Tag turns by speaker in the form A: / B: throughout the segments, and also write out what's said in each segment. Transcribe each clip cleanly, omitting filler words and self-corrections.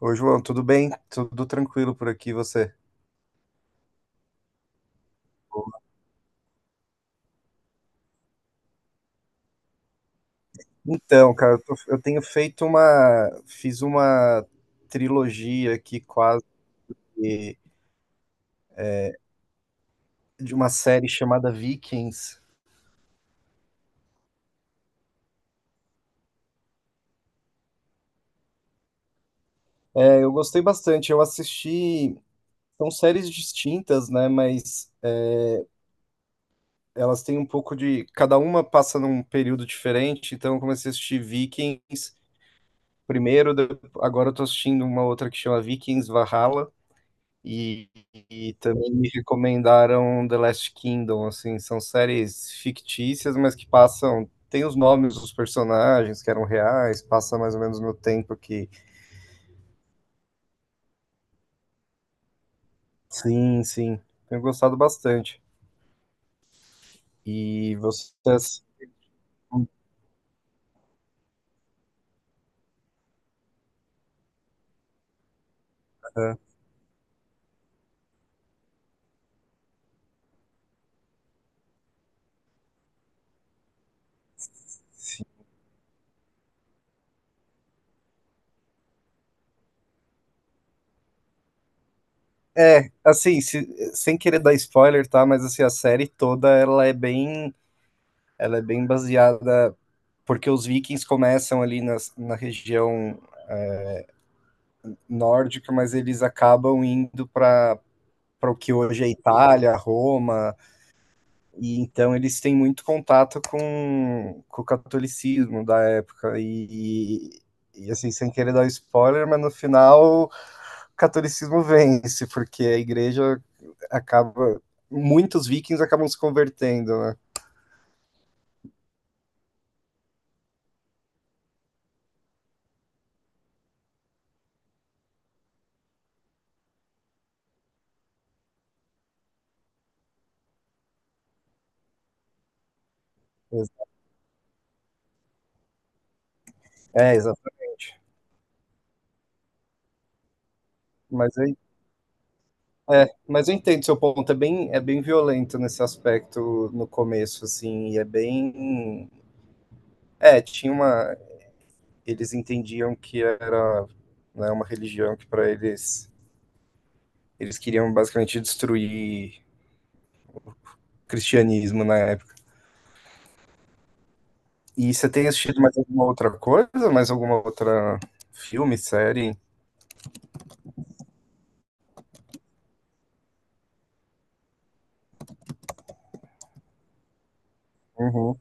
A: Ô, João, tudo bem? Tudo tranquilo por aqui, você? Então, cara, eu tenho feito uma. Fiz uma trilogia aqui quase de uma série chamada Vikings. É, eu gostei bastante, eu assisti. São séries distintas, né? Mas é, elas têm um pouco de. Cada uma passa num período diferente, então eu comecei a assistir Vikings primeiro, agora eu tô assistindo uma outra que chama Vikings Valhalla. E, e também me recomendaram The Last Kingdom, assim, são séries fictícias, mas que passam, tem os nomes dos personagens que eram reais, passa mais ou menos no tempo aqui. Sim, sim. Tenho gostado bastante. E vocês. Ah, sim. É, assim, sem querer dar spoiler, tá? Mas assim, a série toda ela é ela é bem baseada porque os vikings começam ali na região nórdica, mas eles acabam indo para o que hoje é Itália, Roma, e então eles têm muito contato com o catolicismo da época e assim, sem querer dar spoiler, mas no final o catolicismo vence, porque a igreja acaba, muitos vikings acabam se convertendo, né? É, exatamente. Mas eu, mas eu entendo seu ponto, é é bem violento nesse aspecto no começo, assim, e é bem. É, tinha uma. Eles entendiam que era, né, uma religião que para eles queriam basicamente destruir o cristianismo na época. E você tem assistido mais alguma outra coisa? Mais alguma outra filme, série? Uhum.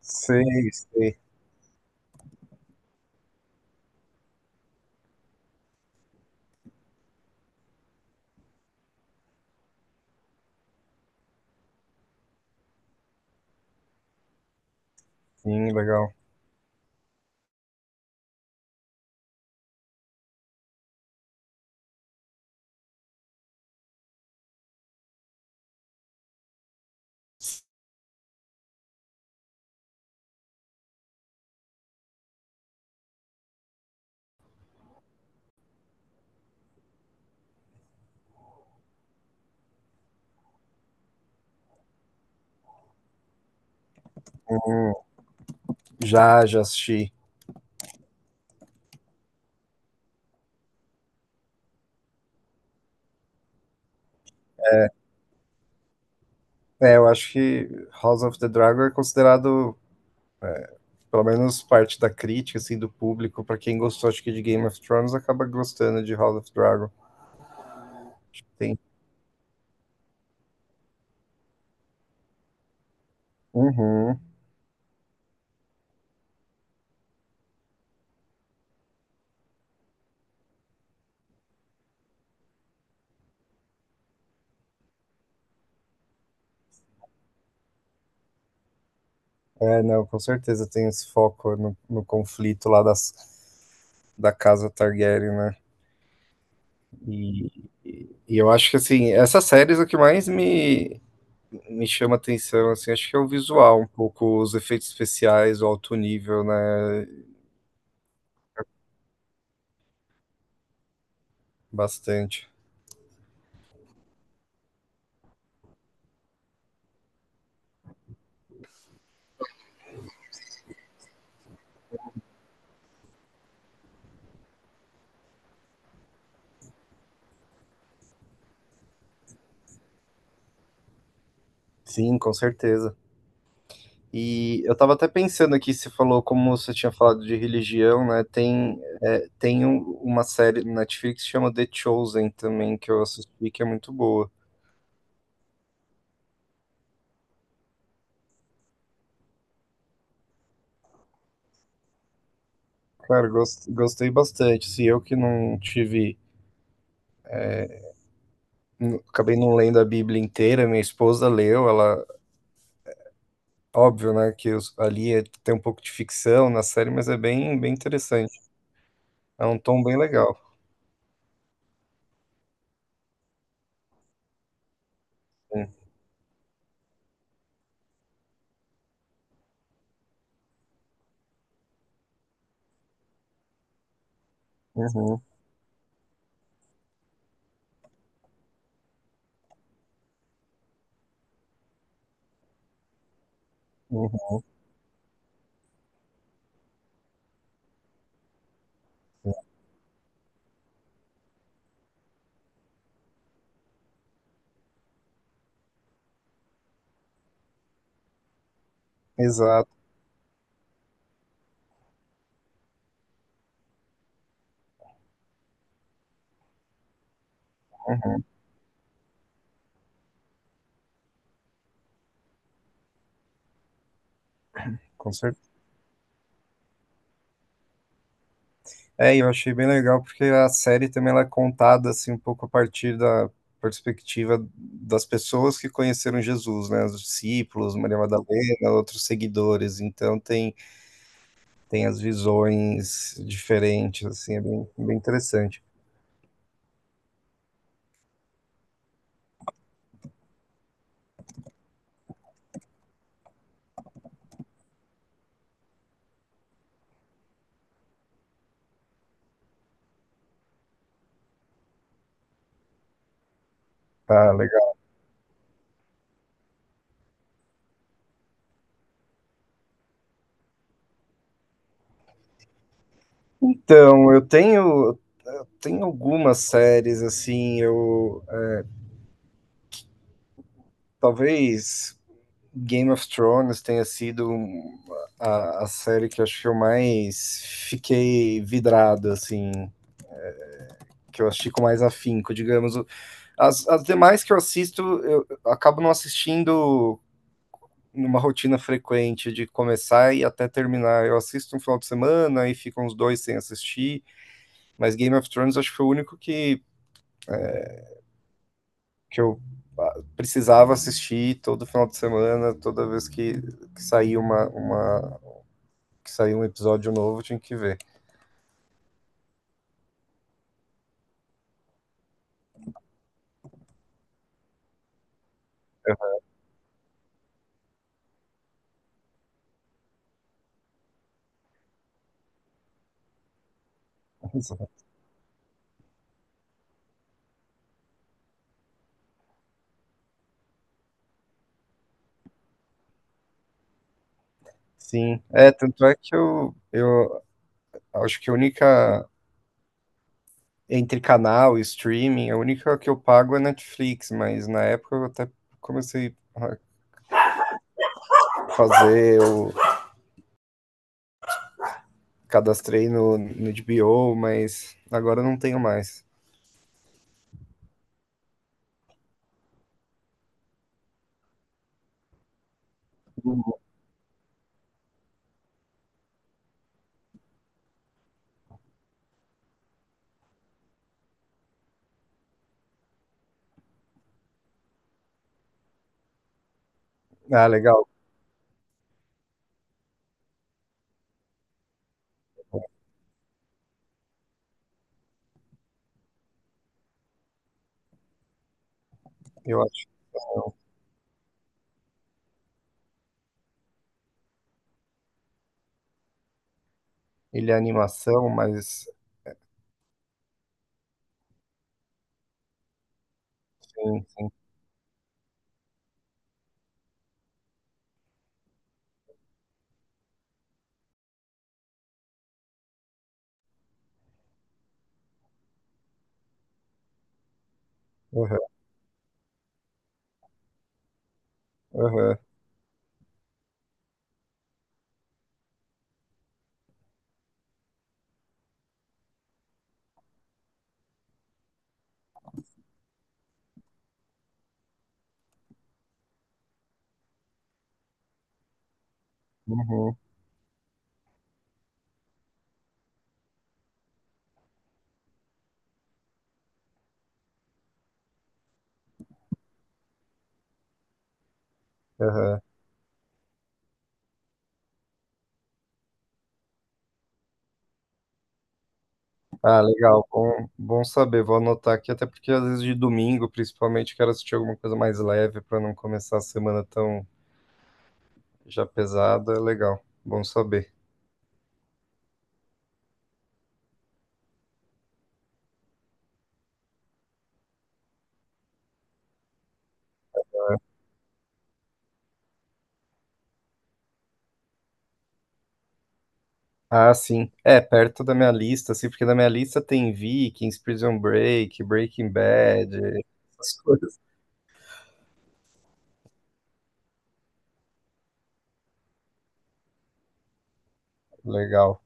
A: Sei, sei. Sim, legal. Já, já assisti. É, eu acho que House of the Dragon é considerado, pelo menos parte da crítica, assim, do público, para quem gostou, acho que de Game of Thrones acaba gostando de House of Dragon. Acho que tem. Uhum. É, não, com certeza tem esse foco no, no conflito lá das, da casa Targaryen, né? E eu acho que, assim, essas séries é o que mais me, me chama atenção, assim, acho que é o visual, um pouco os efeitos especiais, o alto nível, né? Bastante. Sim, com certeza. E eu tava até pensando aqui, você falou, como você tinha falado de religião, né? Tem, é, tem uma série no Netflix que chama The Chosen também, que eu assisti, que é muito boa. Cara, gostei bastante. Se eu que não tive, acabei não lendo a Bíblia inteira, minha esposa leu, ela, óbvio, né, que tem um pouco de ficção na série, mas é bem, bem interessante. É um tom bem legal. Sim. Uhum, uhum. Exato, uhum, com certeza. É, e eu achei bem legal porque a série também ela é contada assim um pouco a partir da perspectiva das pessoas que conheceram Jesus, né, os discípulos, Maria Madalena, outros seguidores. Então tem as visões diferentes, assim, é bem, bem interessante. Ah, legal. Então, tenho algumas séries, assim, eu talvez Game of Thrones tenha sido a série que eu acho que eu mais fiquei vidrado, assim, que eu assisti com mais afinco, digamos. As demais que eu assisto, eu acabo não assistindo numa rotina frequente de começar e até terminar. Eu assisto um final de semana e ficam uns dois sem assistir, mas Game of Thrones acho que foi o único que eu ah, precisava assistir todo final de semana, toda vez que saía uma que saía um episódio novo, eu tinha que ver. Sim, é, tanto é que eu acho que a única entre canal e streaming, a única que eu pago é Netflix, mas na época eu até comecei a fazer o. Cadastrei no, no HBO, mas agora eu não tenho mais. Ah, legal. Eu acho que não. Ele é animação, mas sim, sim. Aham, aham. Uhum, aham. Ah, legal. Bom, bom saber. Vou anotar aqui, até porque às vezes de domingo, principalmente, quero assistir alguma coisa mais leve para não começar a semana tão já pesada. É legal. Bom saber. Ah, sim. É, perto da minha lista, assim, porque na minha lista tem Vikings, Prison Break, Breaking Bad, essas coisas. Legal.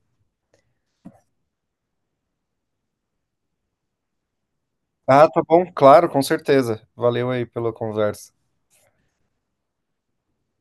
A: Ah, tá bom, claro, com certeza. Valeu aí pela conversa.